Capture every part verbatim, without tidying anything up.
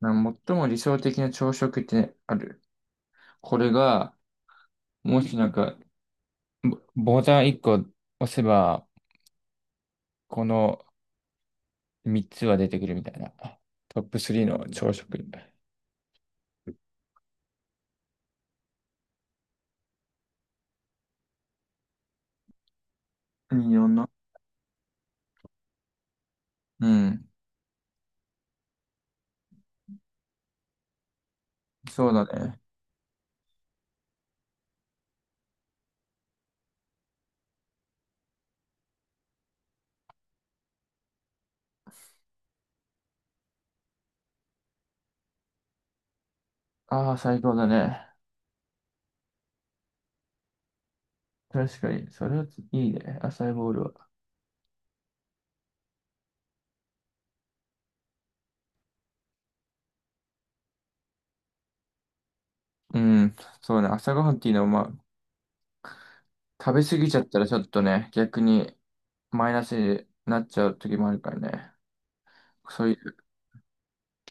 な最も理想的な朝食ってある？これが、もしなんか、ボボタンいっこ押せば、このみっつは出てくるみたいな。トップスリーの朝食。いいよな。うん、そうだね。ああ、最高だね。確かに、それはいいね、朝ボールは。うん、そうね、朝ごはんっていうのは、まあ、食べ過ぎちゃったらちょっとね、逆にマイナスになっちゃう時もあるからね。そういう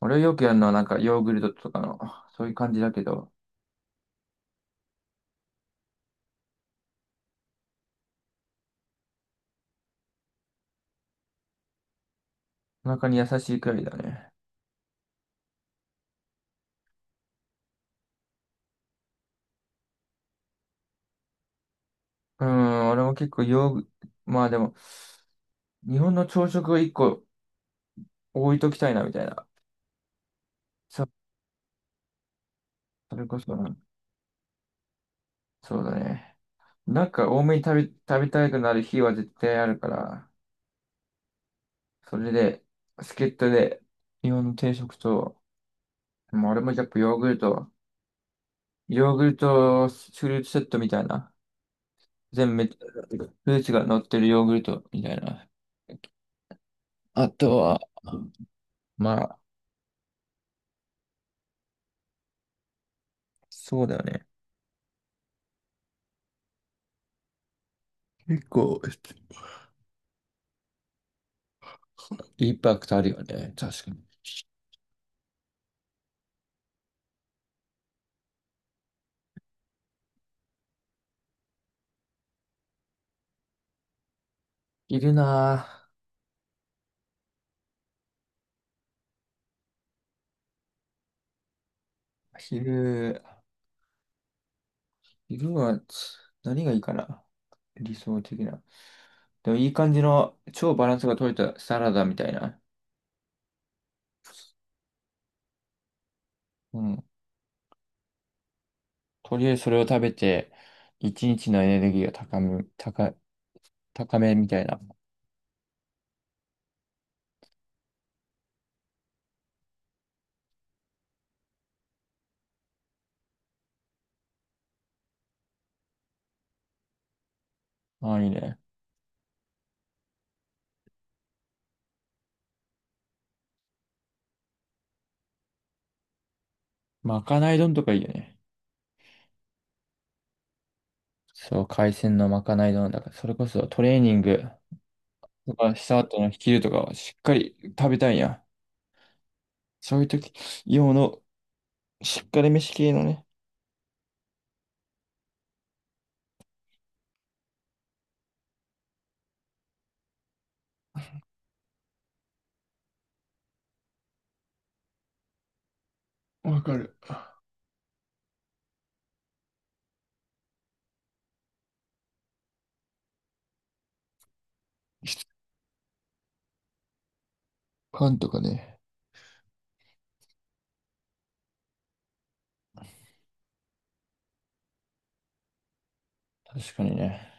俺はよくやるのはなんかヨーグルトとかの、そういう感じだけど、お腹に優しいくらいだね。うん、俺も結構ヨーグ、まあでも、日本の朝食を一個置いときたいなみたいな。そ、それこそな、そうだね。なんか多めに食べ、食べたくなる日は絶対あるから、それで、助っ人で日本の定食と、もう俺もやっぱヨーグルト、ヨーグルトフルーツセットみたいな、全部めフルーツが乗ってるヨーグルトみたいな。あとは、まあ、そうだよね。結構、インパクトあるよね。確かに。昼なぁ、昼、昼はつ何がいいかな。理想的な。でもいい感じの超バランスが取れたサラダみたいな。うん。とりあえずそれを食べて、一日のエネルギーが高め、高、高めみたいな。ああ、いいね。まかない丼とかいいよね。そう、海鮮のまかない丼だから、それこそトレーニング。だからした後の昼とかはしっかり食べたいんや。そういう時用のしっかり飯系のね、わかる。パンとかね。確かにね。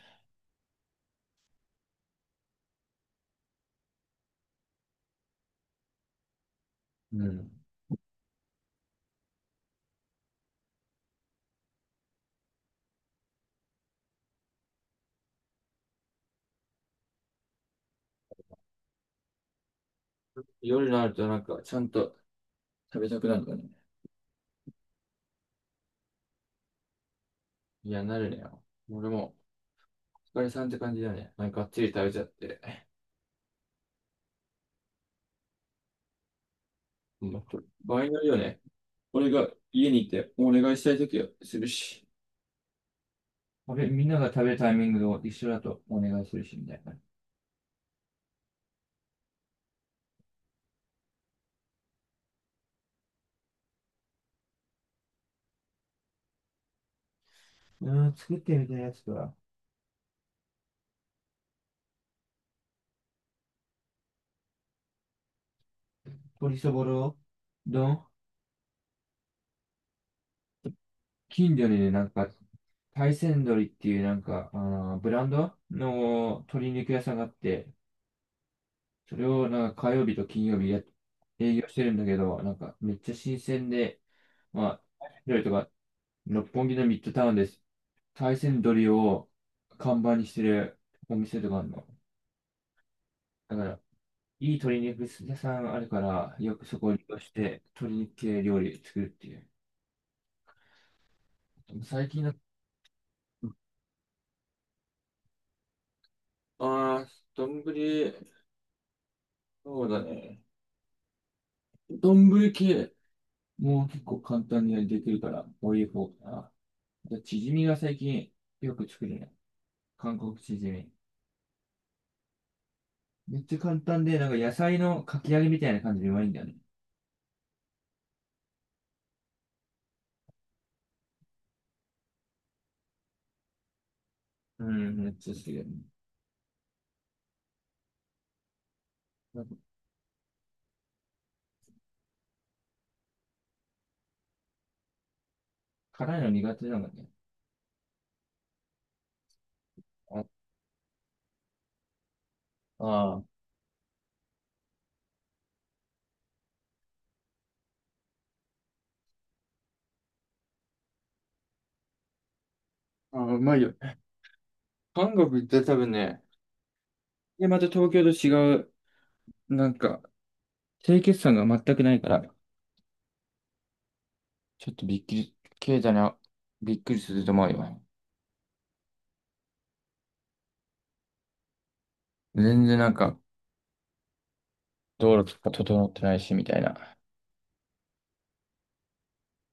うん。夜になるとなんかちゃんと食べたくなるのね。いや、なるねよ。俺も、お疲れさんって感じだね。なんかがっつり食べちゃって。うん。場合によるよね。俺が家にいてお願いしたい時はするし。俺、みんなが食べるタイミングを一緒だとお願いするし、みたいな。うん、作ってみたいやつとか、鶏そぼろ丼。近所にね、なんか、大山鶏っていうなんか、あのブランドの鶏肉屋さんがあって、それをなんか火曜日と金曜日や営業してるんだけど、なんかめっちゃ新鮮で、まあ、料理とか、六本木のミッドタウンです。大山鶏を看板にしてるお店とかあるの。だから、いい鶏肉屋さんあるから、よくそこを利用して鶏肉系料理作るっていう。最近の、ああ、丼、そうだね。丼系、もう結構簡単にできるから、こういう方かな。じゃあ、チヂミが最近よく作るね。韓国チヂミ。めっちゃ簡単で、なんか野菜のかき揚げみたいな感じでうまいんだよね。うん、めっちゃ好きだよね。なんか辛いの苦手なんだね。ああー。あー、うまいよ。韓国行ったら多分ね、で、また東京と違う、なんか、清潔感が全くないから、ちょっとびっくり、経済な、びっくりすると思うよ。全然なんか、道路とか整ってないし、みたいな。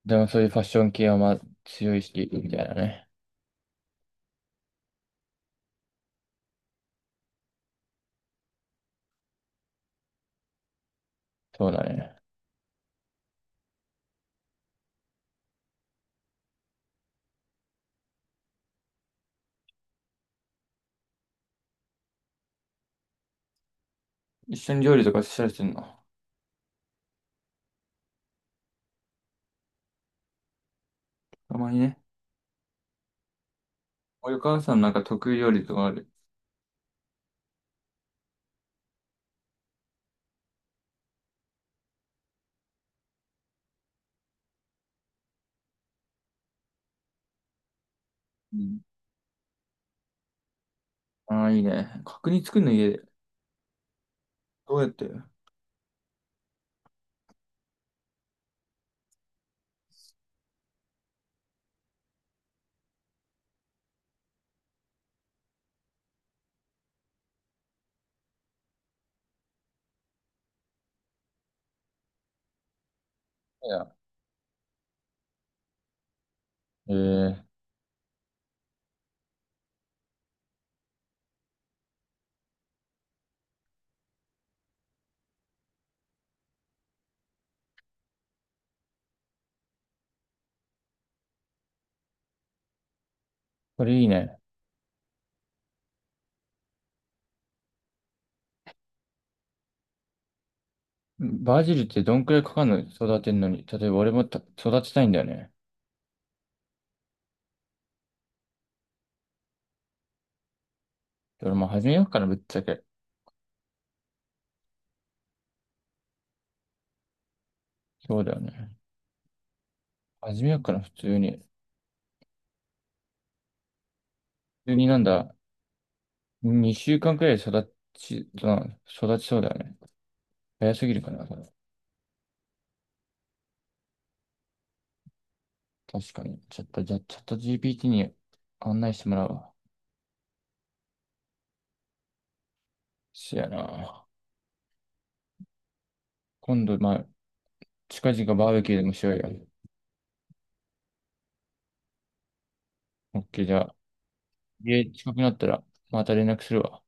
でもそういうファッション系はまあ強い意識みたいなね。そうだね。一緒に料理とかしたりするの？たまにね。おお母さんなんか得意料理とかある？うん。ああ、いいね。角煮作るの家で？どうやって。いや。ええ。これいいね。バジルってどんくらいかかるの育てんのに？例えば俺もた育てたいんだよね。俺も始めようかな、ぶっちゃけ。そうだよね。始めようかな、普通に。普通になんだ、にしゅうかんくらいで育ち、な育ちそうだよね。早すぎるかな、それ？確かに。ちょっと、じゃあ、チャット ジーピーティー に案内してもらうわ。そやな。今度、まあ、近々バーベキューでもしようよ。オッケー、じゃあ、家近くなったら、また連絡するわ。